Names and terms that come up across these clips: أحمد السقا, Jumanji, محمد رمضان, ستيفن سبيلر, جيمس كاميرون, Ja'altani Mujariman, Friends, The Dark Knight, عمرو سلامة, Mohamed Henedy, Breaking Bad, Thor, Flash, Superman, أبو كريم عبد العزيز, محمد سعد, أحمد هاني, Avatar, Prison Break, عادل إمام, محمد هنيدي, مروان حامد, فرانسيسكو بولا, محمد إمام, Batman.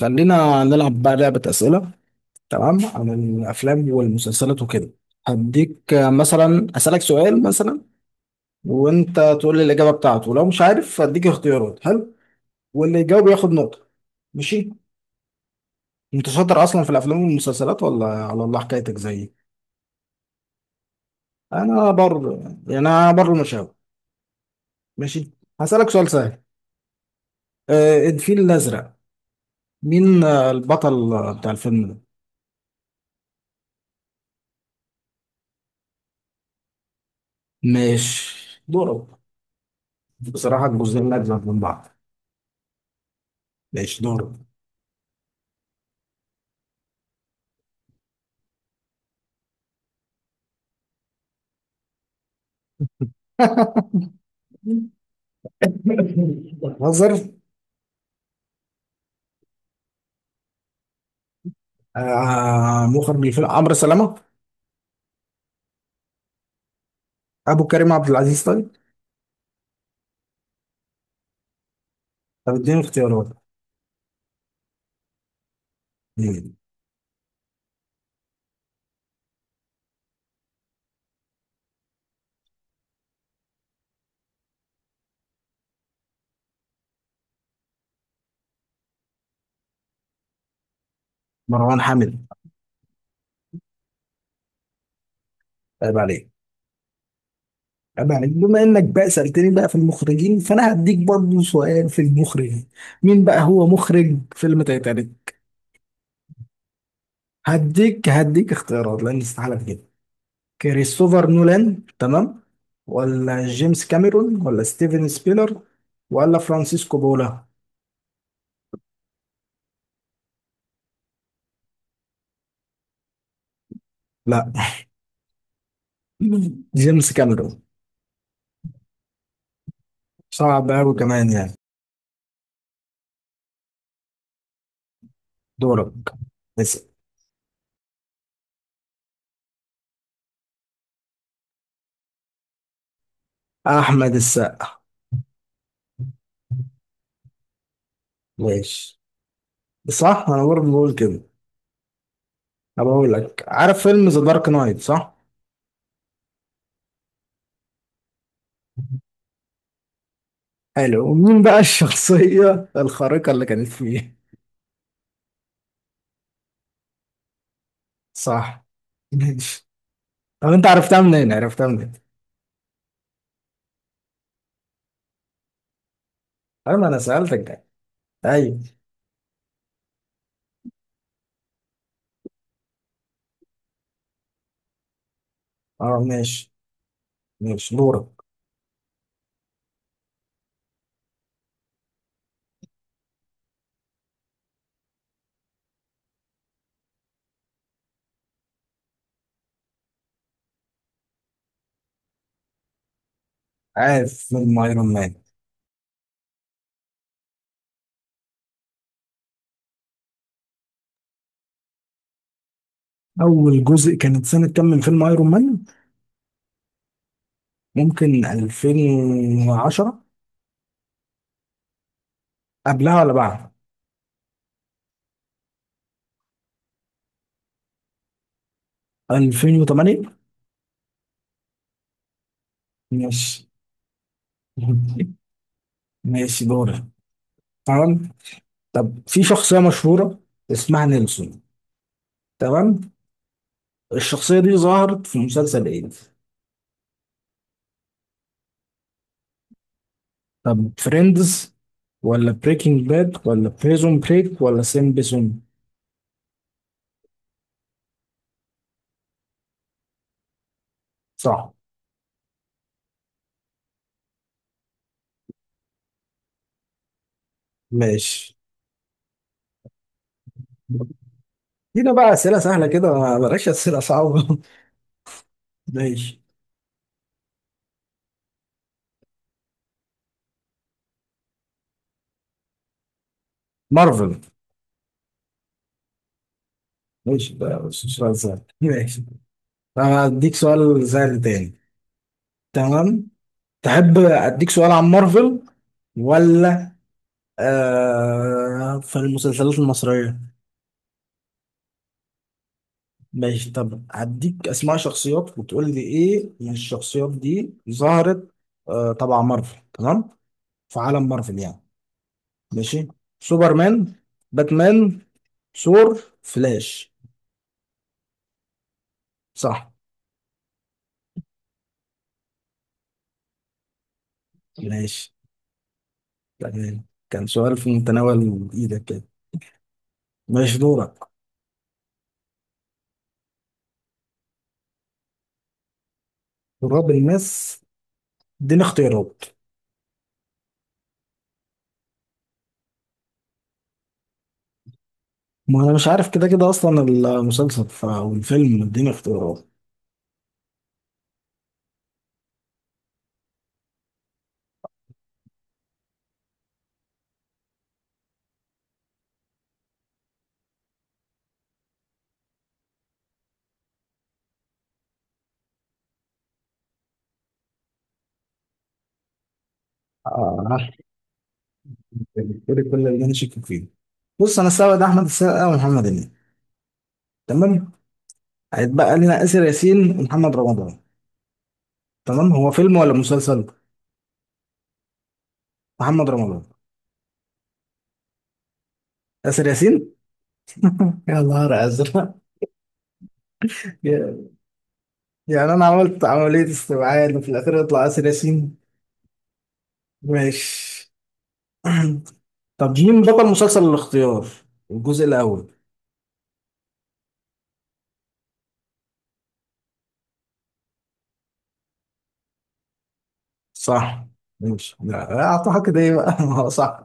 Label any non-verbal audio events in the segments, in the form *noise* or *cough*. خلينا نلعب بقى لعبة أسئلة تمام عن الأفلام والمسلسلات وكده. هديك مثلا أسألك سؤال مثلا وأنت تقول لي الإجابة بتاعته لو مش عارف هديك اختيارات. حلو واللي يجاوب ياخد نقطة. ماشي. أنت شاطر أصلا في الأفلام والمسلسلات ولا على الله حكايتك زيي؟ أنا بر يعني أنا بر المشاوي. ماشي. هسألك سؤال سهل. الفيل الأزرق. مين البطل بتاع الفيلم ده؟ ماشي دورك. بصراحة الجزئين أجمل من بعض. ماشي دورك. بهزر. آه مخرج الفيلم عمرو سلامة، أبو كريم عبد العزيز طيب. طب اديني اختيارات. مم. مروان حامد. عيب عليك. عيب عليك، بما إنك بقى سألتني بقى في المخرجين فأنا هديك برضه سؤال في المخرجين. مين بقى هو مخرج فيلم تايتانيك؟ هديك اختيارات لأن استحالة كده. كريستوفر نولان، تمام، ولا جيمس كاميرون ولا ستيفن سبيلر ولا فرانسيسكو بولا؟ لا *laughs* جيمس كاميرون. صعب أوي كمان يعني. دورك. اسأل. أحمد السقا. ماشي. صح، أنا برضه بقول كده. أنا بقول لك، عارف فيلم ذا دارك نايت صح؟ حلو، ومين بقى *laughs* الشخصية الخارقة اللي كانت فيه؟ صح. ماشي. طب أنت عرفتها منين؟ عرفتها منين؟ أيوة أنا سألتك ده. أيوة. أه ماشي. ماشي دورك. عارف فيلم أيرون مان. أول جزء كانت سنة كام من فيلم أيرون مان؟ ممكن 2010. قبلها ولا بعد؟ 2008. ماشي *laughs* ماشي دورة. تمام. طب في شخصية مشهورة اسمها نيلسون، تمام. الشخصية دي ظهرت في مسلسل ايه؟ طب فريندز ولا بريكنج باد ولا بريزون بريك ولا سيمبسون؟ صح. ماشي. هنا بقى أسئلة سهلة كده، بلاش أسئلة صعبة *laughs* ماشي. مارفل. ماشي، ده مش سؤال سهل. ماشي. طب هديك سؤال سهل تاني، تمام. تحب أديك سؤال عن مارفل ولا في المسلسلات المصرية؟ ماشي. طب هديك أسماء شخصيات وتقول لي إيه من الشخصيات دي ظهرت. آه طبعا مارفل، تمام، في عالم مارفل يعني. ماشي. سوبرمان، باتمان، ثور، فلاش. صح. ماشي، تمام. كان سؤال في متناول إيدك كده. ماشي دورك. تراب الماس. اديني اختيارات. ما أنا مش عارف كده كده أصلا المسلسل أو الفيلم، اديني اختيارات. آه. بالتالي كل اللي انا شاكك فيه، بص انا استبعد احمد السقا ومحمد هنيدي، تمام. هيتبقى لنا اسر ياسين ومحمد رمضان، تمام. هو فيلم ولا مسلسل؟ محمد رمضان. اسر ياسين *laughs* يا نهار ازرق *laughs* يا- يعني انا عملت عمليه استبعاد وفي الاخير يطلع اسر ياسين. ماشي *clears throat* طب مين بطل مسلسل الاختيار، الجزء الاول؟ صح. ماشي، لا اعطاها كده ايه بقى *laughs* هو صح.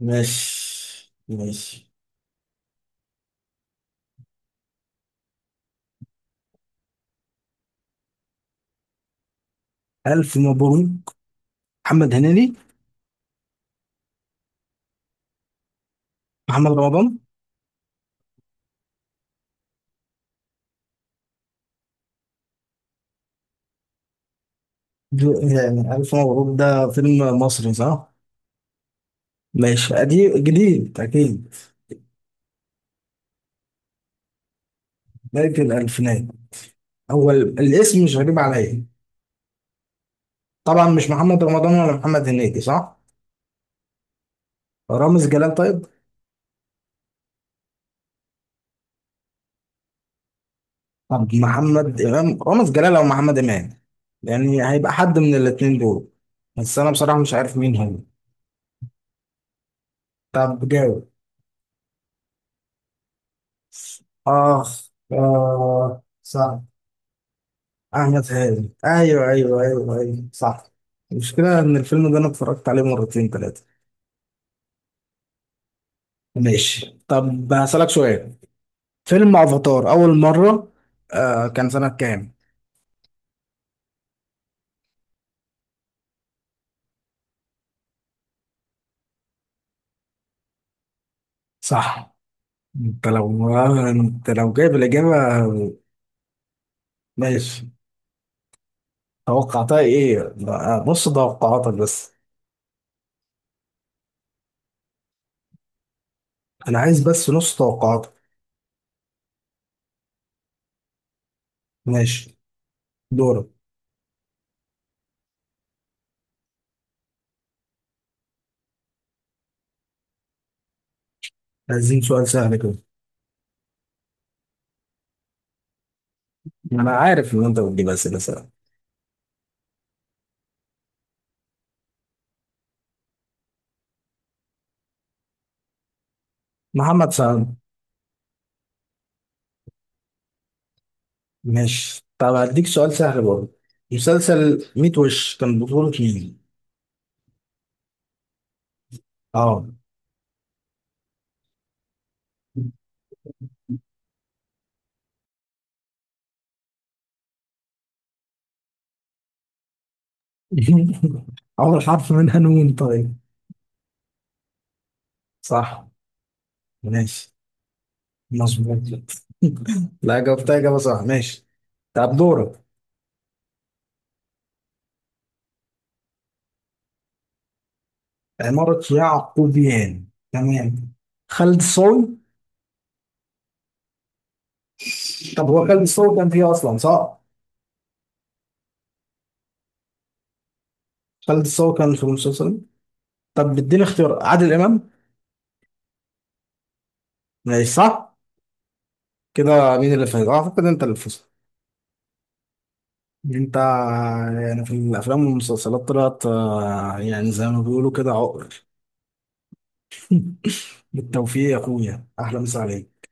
ماشي ماشي. الف مبروك. محمد هنيدي. محمد رمضان. يعني ألف مبروك ده فيلم مصري صح؟ ماشي، قديم جديد أكيد. بداية الألفينات. هو الاسم مش غريب عليا. طبعا مش محمد رمضان ولا محمد هنيدي صح؟ رامز جلال طيب؟ طب محمد إمام، رامز جلال أو محمد إمام، يعني هيبقى حد من الاتنين دول. بس أنا بصراحة مش عارف مين هو. طب جاوب. آخ آه صح. أحمد هاني أيوه أيوه أيوه أيوه صح. المشكلة إن الفيلم ده أنا اتفرجت عليه مرتين تلاتة. ماشي. طب هسألك سؤال. فيلم افاتار اول مرة كان سنة كام؟ صح. انت لو *laughs* انت لو جايب الإجابة. ماشي. توقعتها ايه بقى؟ نص توقعاتك بس. انا عايز بس نص توقعاتك. ماشي دورك. عايزين سؤال سهل كده. انا عارف ان انت بتجيب اسئلة سهلة. محمد سعد. ماشي. طب هديك سؤال سهل برضه. مسلسل 100 وش كان بطولة مين؟ اه *laughs* اول حرف منها نون طيب. صح. ماشي. مظبوط. لا، جاوبتها إجابة صح. ماشي. طب دورك. عمارة يعقوبيان، تمام. خالد صاوي. طب هو خالد صاوي كان فيه أصلا صح؟ خالد صاوي كان في المسلسل. طب اديني اختيار. عادل إمام. ماشي صح؟ كده مين اللي فاز؟ أعتقد أنت اللي فزت. أنت. يعني في الأفلام والمسلسلات طلعت يعني زي ما بيقولوا كده عقر. بالتوفيق يا أخويا، أحلى مسا عليك.